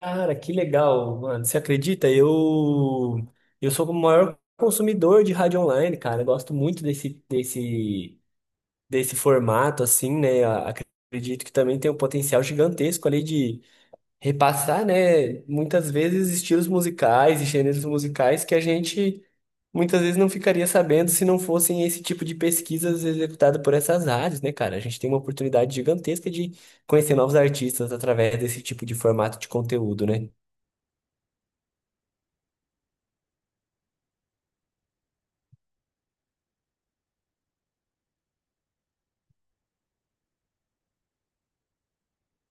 Cara, que legal, mano. Você acredita? Eu sou o maior consumidor de rádio online, cara. Eu gosto muito desse formato assim, né? Acredito que também tem um potencial gigantesco ali de repassar, né, muitas vezes estilos musicais e gêneros musicais que a gente muitas vezes não ficaria sabendo se não fossem esse tipo de pesquisas executadas por essas rádios, né, cara? A gente tem uma oportunidade gigantesca de conhecer novos artistas através desse tipo de formato de conteúdo, né?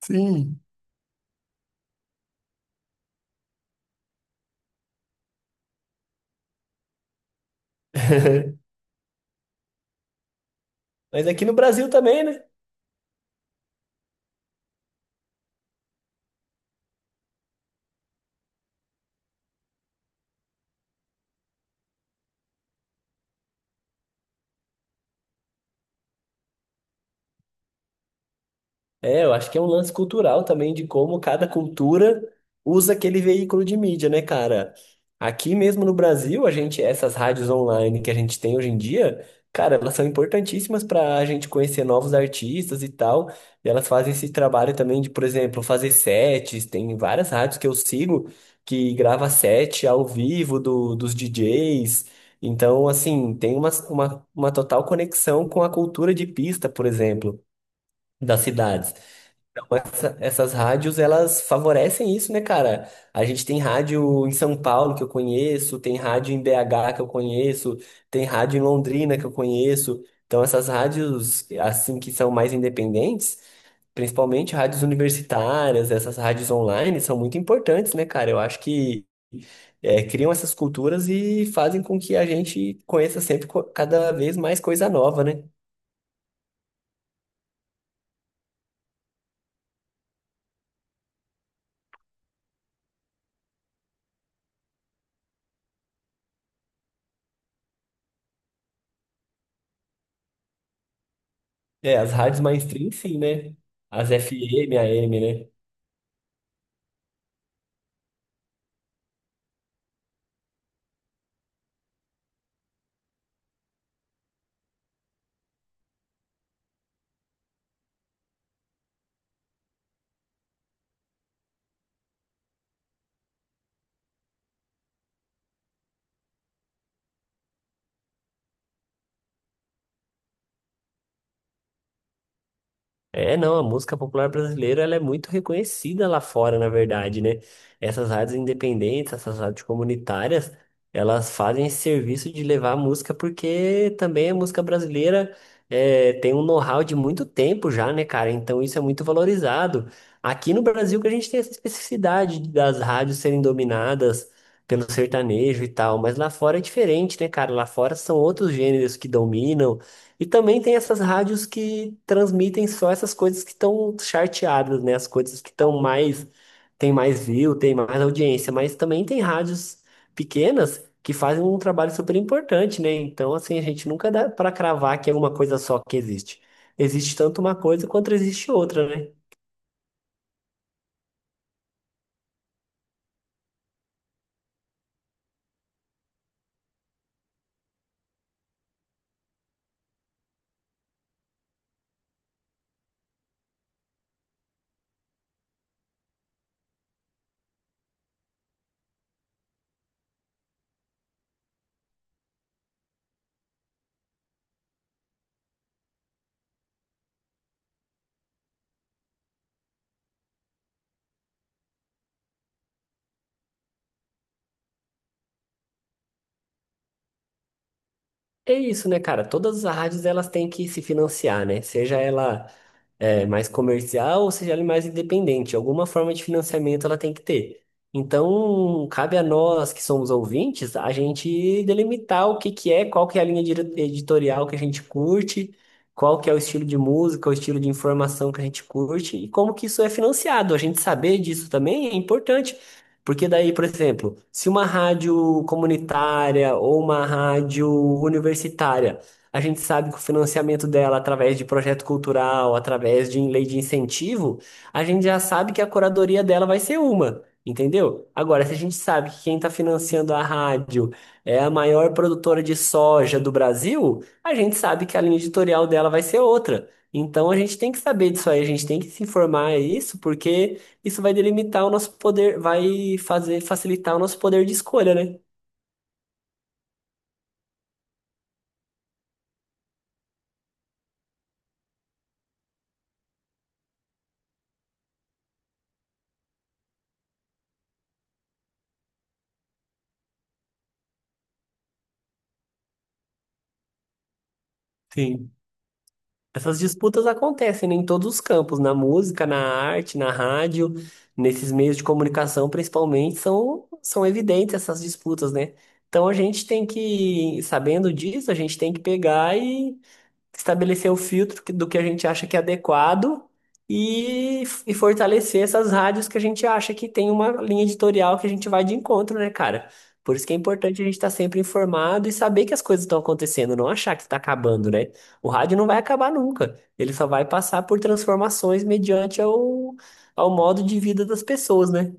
Sim. Mas aqui no Brasil também, né? É, eu acho que é um lance cultural também de como cada cultura usa aquele veículo de mídia, né, cara? Aqui mesmo no Brasil, a gente, essas rádios online que a gente tem hoje em dia, cara, elas são importantíssimas para a gente conhecer novos artistas e tal. E elas fazem esse trabalho também de, por exemplo, fazer sets. Tem várias rádios que eu sigo que grava set ao vivo do, dos DJs. Então, assim, tem uma total conexão com a cultura de pista, por exemplo, das cidades. Essas rádios, elas favorecem isso, né, cara? A gente tem rádio em São Paulo que eu conheço, tem rádio em BH que eu conheço, tem rádio em Londrina que eu conheço. Então, essas rádios, assim, que são mais independentes, principalmente rádios universitárias, essas rádios online, são muito importantes, né, cara? Eu acho que é, criam essas culturas e fazem com que a gente conheça sempre cada vez mais coisa nova, né? É, as rádios mainstream, sim, né? As FM, AM, né? É, não, a música popular brasileira ela é muito reconhecida lá fora, na verdade, né? Essas rádios independentes, essas rádios comunitárias, elas fazem esse serviço de levar a música porque também a música brasileira é, tem um know-how de muito tempo já, né, cara? Então isso é muito valorizado. Aqui no Brasil que a gente tem essa especificidade das rádios serem dominadas pelo sertanejo e tal, mas lá fora é diferente, né, cara? Lá fora são outros gêneros que dominam e também tem essas rádios que transmitem só essas coisas que estão charteadas, né? As coisas que estão mais, tem mais view, tem mais audiência, mas também tem rádios pequenas que fazem um trabalho super importante, né? Então, assim, a gente nunca dá para cravar que é uma coisa só que existe. Existe tanto uma coisa quanto existe outra, né? É isso, né, cara? Todas as rádios elas têm que se financiar, né? Seja ela é, mais comercial, ou seja, ela é mais independente. Alguma forma de financiamento ela tem que ter. Então, cabe a nós que somos ouvintes, a gente delimitar o que que é, qual que é a linha editorial que a gente curte, qual que é o estilo de música, o estilo de informação que a gente curte e como que isso é financiado. A gente saber disso também é importante. Porque daí, por exemplo, se uma rádio comunitária ou uma rádio universitária a gente sabe que o financiamento dela, através de projeto cultural, através de lei de incentivo, a gente já sabe que a curadoria dela vai ser uma, entendeu? Agora, se a gente sabe que quem está financiando a rádio é a maior produtora de soja do Brasil, a gente sabe que a linha editorial dela vai ser outra. Então, a gente tem que saber disso aí, a gente tem que se informar a isso, porque isso vai delimitar o nosso poder, vai fazer facilitar o nosso poder de escolha, né? Sim. Essas disputas acontecem, né, em todos os campos, na música, na arte, na rádio, nesses meios de comunicação, principalmente, são, são evidentes essas disputas, né? Então a gente tem que, sabendo disso, a gente tem que pegar e estabelecer o filtro do que a gente acha que é adequado e fortalecer essas rádios que a gente acha que tem uma linha editorial que a gente vai de encontro, né, cara? Por isso que é importante a gente estar sempre informado e saber que as coisas estão acontecendo, não achar que está acabando, né? O rádio não vai acabar nunca. Ele só vai passar por transformações mediante ao, ao modo de vida das pessoas, né?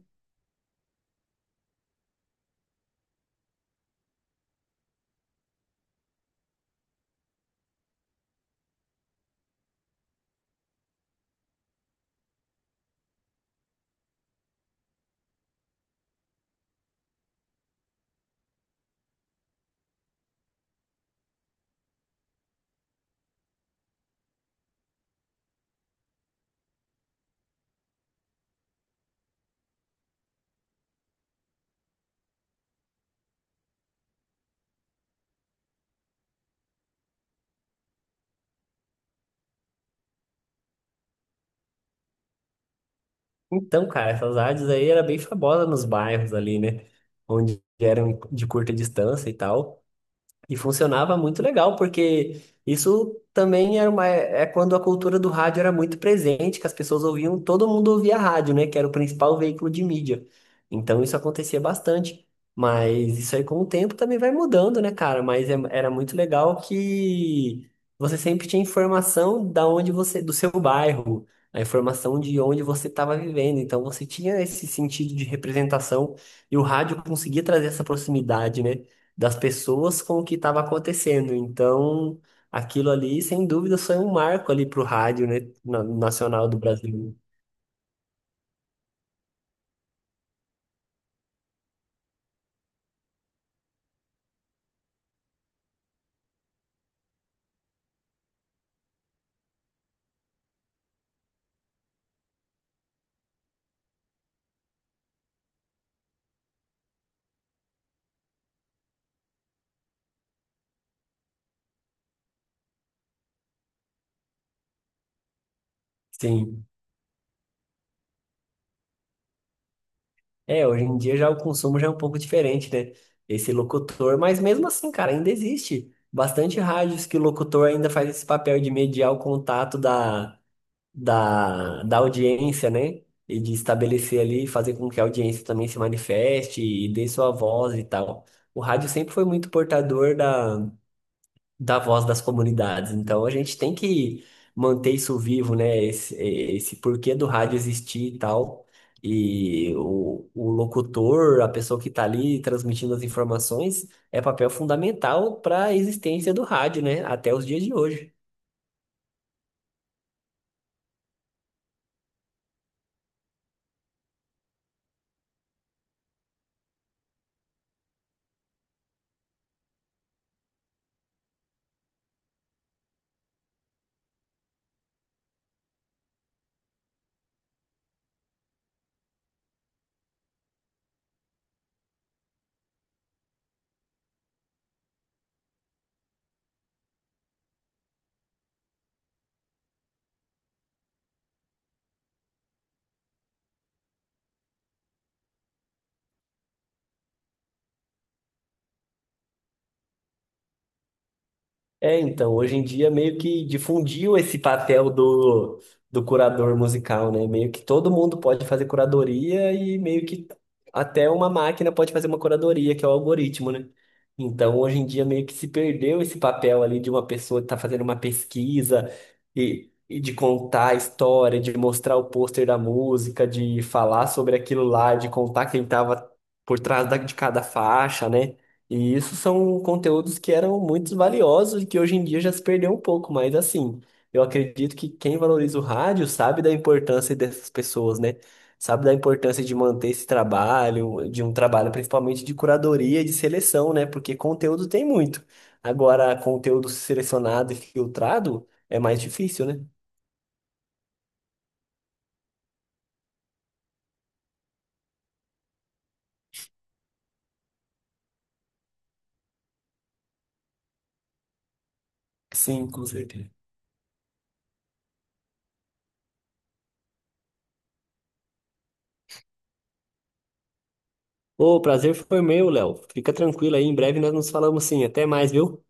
Então, cara, essas rádios aí era bem famosa nos bairros ali, né? Onde eram de curta distância e tal. E funcionava muito legal, porque isso também era uma, é quando a cultura do rádio era muito presente, que as pessoas ouviam, todo mundo ouvia rádio, né? Que era o principal veículo de mídia. Então isso acontecia bastante. Mas isso aí com o tempo também vai mudando, né, cara? Mas era muito legal que você sempre tinha informação da onde você, do seu bairro, a informação de onde você estava vivendo. Então você tinha esse sentido de representação e o rádio conseguia trazer essa proximidade, né? Das pessoas com o que estava acontecendo. Então, aquilo ali, sem dúvida, foi um marco ali para o rádio, né, nacional do Brasil. Sim. É, hoje em dia já o consumo já é um pouco diferente, né? Esse locutor, mas mesmo assim, cara, ainda existe bastante rádios que o locutor ainda faz esse papel de mediar o contato da, da audiência, né? E de estabelecer ali, fazer com que a audiência também se manifeste e dê sua voz e tal. O rádio sempre foi muito portador da, da voz das comunidades. Então a gente tem que manter isso vivo, né? Esse porquê do rádio existir e tal. E o locutor, a pessoa que está ali transmitindo as informações, é papel fundamental para a existência do rádio, né? Até os dias de hoje. É, então, hoje em dia meio que difundiu esse papel do, do curador musical, né? Meio que todo mundo pode fazer curadoria e meio que até uma máquina pode fazer uma curadoria, que é o algoritmo, né? Então, hoje em dia meio que se perdeu esse papel ali de uma pessoa que está fazendo uma pesquisa e de contar a história, de mostrar o pôster da música, de falar sobre aquilo lá, de contar quem estava por trás de cada faixa, né? E isso são conteúdos que eram muito valiosos e que hoje em dia já se perdeu um pouco, mas assim, eu acredito que quem valoriza o rádio sabe da importância dessas pessoas, né? Sabe da importância de manter esse trabalho, de um trabalho principalmente de curadoria e de seleção, né? Porque conteúdo tem muito. Agora, conteúdo selecionado e filtrado é mais difícil, né? Sim, com certeza. Ô, o prazer foi meu, Léo. Fica tranquilo aí, em breve nós nos falamos sim. Até mais, viu?